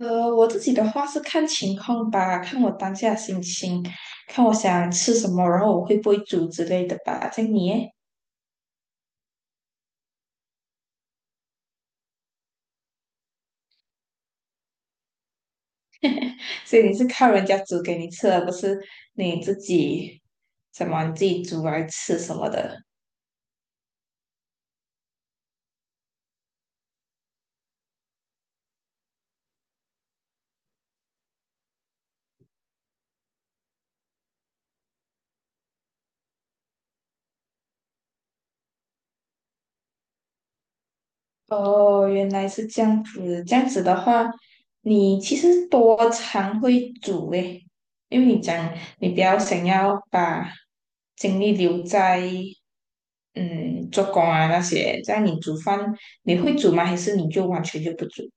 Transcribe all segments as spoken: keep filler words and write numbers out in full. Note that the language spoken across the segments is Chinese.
呃，我自己的话是看情况吧，看我当下心情，看我想吃什么，然后我会不会煮之类的吧。这样你耶，所以你是靠人家煮给你吃，而不是你自己什么你自己煮来吃什么的。哦，原来是这样子。这样子的话，你其实多常会煮诶，因为你讲你比较想要把精力留在嗯做工啊那些，这样你煮饭你会煮吗？还是你就完全就不煮？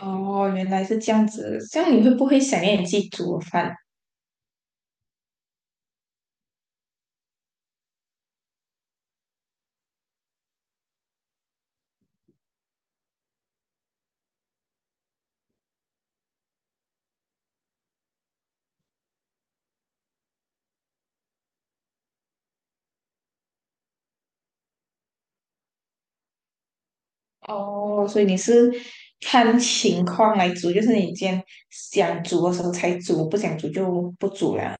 哦，原来是这样子。这样你会不会想念你自己煮的饭？哦，所以你是看情况来煮，就是你今天想煮的时候才煮，不想煮就不煮了。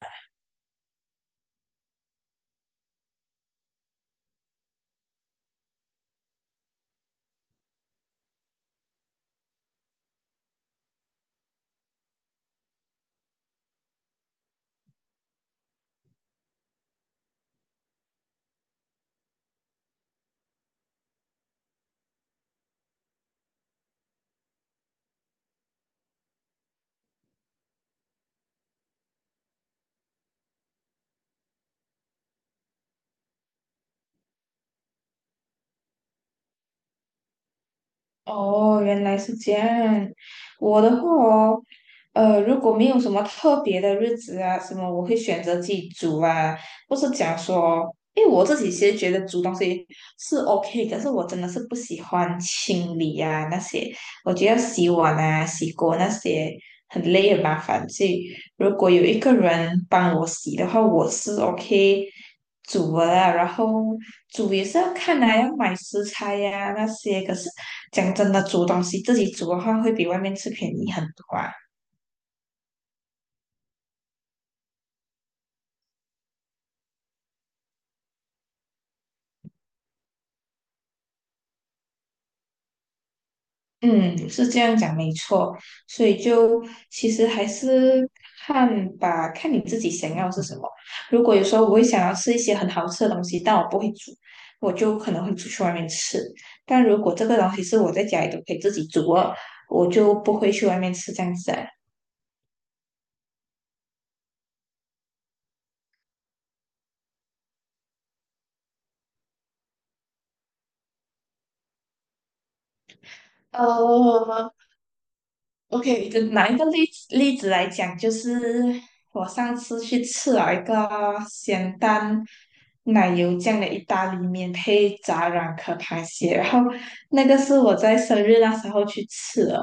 哦，原来是这样。我的话哦，呃，如果没有什么特别的日子啊，什么我会选择自己煮啊，不是讲说，因为我自己其实觉得煮东西是 OK,可是我真的是不喜欢清理啊那些，我觉得洗碗啊、洗锅那些很累很麻烦，所以如果有一个人帮我洗的话，我是 OK 煮的啦。然后煮也是要看来要买食材呀、那些。可是讲真的，煮东西自己煮的话，会比外面吃便宜很多啊。嗯，是这样讲没错，所以就其实还是看吧，看你自己想要是什么。如果有时候我会想要吃一些很好吃的东西，但我不会煮，我就可能会出去外面吃。但如果这个东西是我在家里都可以自己煮了，我就不会去外面吃这样子啊。哦，OK,就拿一个例子例子来讲，就是我上次去吃了一个咸蛋奶油酱的意大利面，配炸软壳螃蟹，然后那个是我在生日那时候去吃的，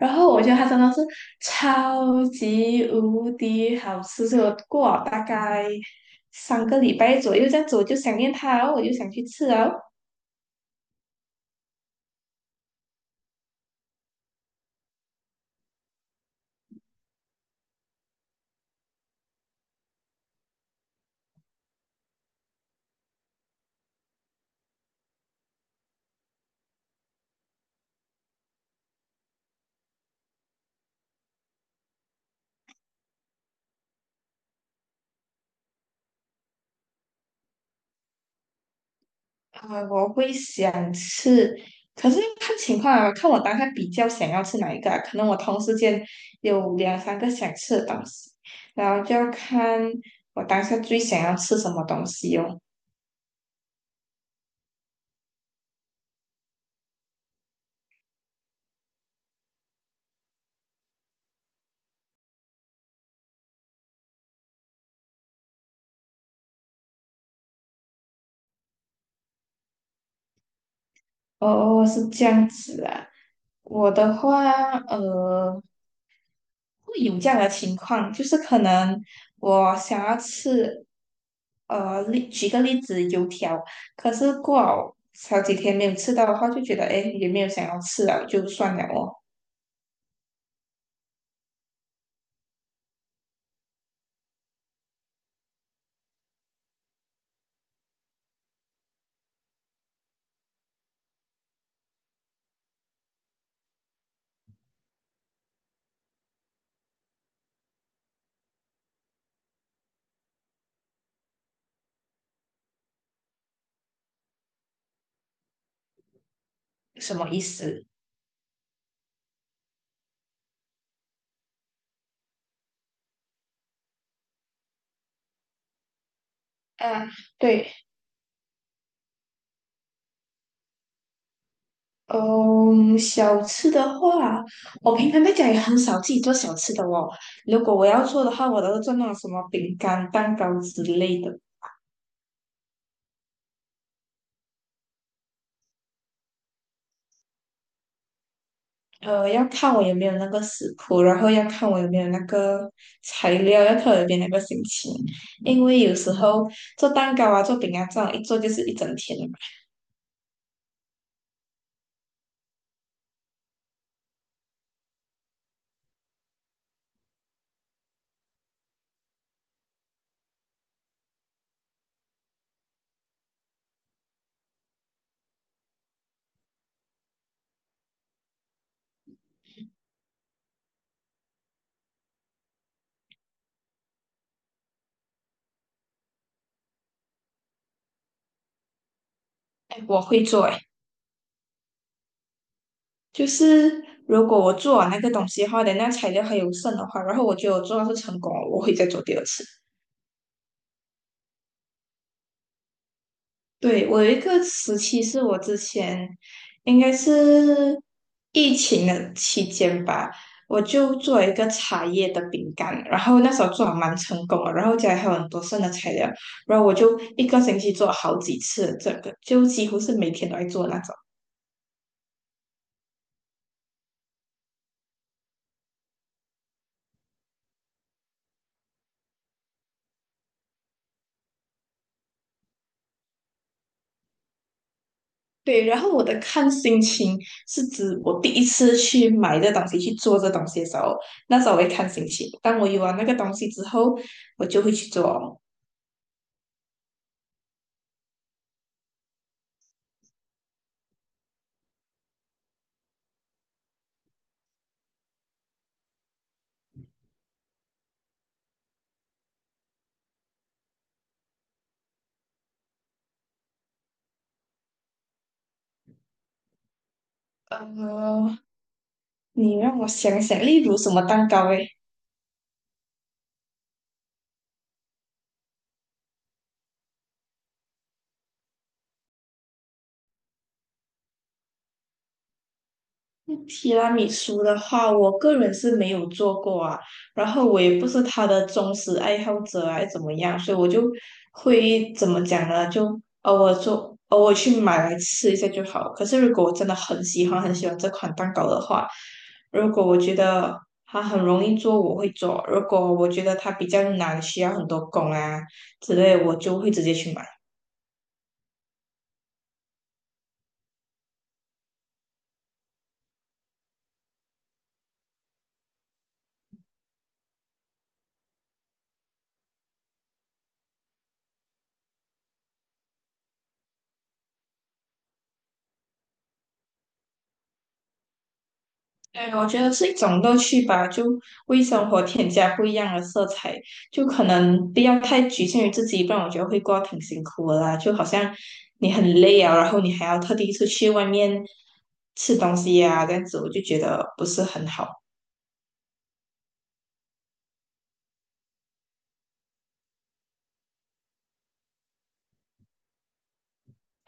然后我觉得它真的是超级无敌好吃，所以我过了大概三个礼拜左右这样子，我就想念它，然后我就想去吃啊，啊，我会想吃，可是看情况啊，看我当下比较想要吃哪一个啊可能我同时间有两三个想吃的东西，然后就要看我当下最想要吃什么东西哦。哦，是这样子啊。我的话，呃，会有这样的情况，就是可能我想要吃，呃，例举个例子，油条，可是过好好几天没有吃到的话，就觉得哎，诶也没有想要吃了，就算了哦，什么意思？嗯，对，嗯，小吃的话，我平常在家也很少自己做小吃的哦。如果我要做的话，我都是做那种什么饼干、蛋糕之类的。呃，要看我有没有那个食谱，然后要看我有没有那个材料，要看我有没有那个心情。因为有时候做蛋糕啊、做饼干这样一做就是一整天。嘛。哎，我会做哎，就是如果我做完那个东西的话，等那材料还有剩的话，然后我觉得我做到是成功了，我会再做第二次。对，我有一个时期是我之前应该是疫情的期间吧，我就做了一个茶叶的饼干，然后那时候做的蛮成功了，然后家里还有很多剩的材料，然后我就一个星期做好几次，这个就几乎是每天都在做那种。对，然后我的看心情是指我第一次去买这东西去做这东西的时候，那时候我会看心情，当我有了那个东西之后，我就会去做。呃，你让我想想，例如什么蛋糕诶？提拉米苏的话，我个人是没有做过啊，然后我也不是它的忠实爱好者啊，怎么样？所以我就会怎么讲呢？就偶尔做，偶尔去买来吃一下就好。可是如果我真的很喜欢很喜欢这款蛋糕的话，如果我觉得它很容易做，我会做；如果我觉得它比较难，需要很多工啊之类，我就会直接去买。对，我觉得是一种乐趣吧，就为生活添加不一样的色彩，就可能不要太局限于自己，不然我觉得会过得挺辛苦的啦。就好像你很累啊，然后你还要特地出去外面吃东西呀、啊，这样子我就觉得不是很好。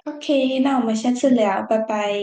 OK,那我们下次聊，拜拜。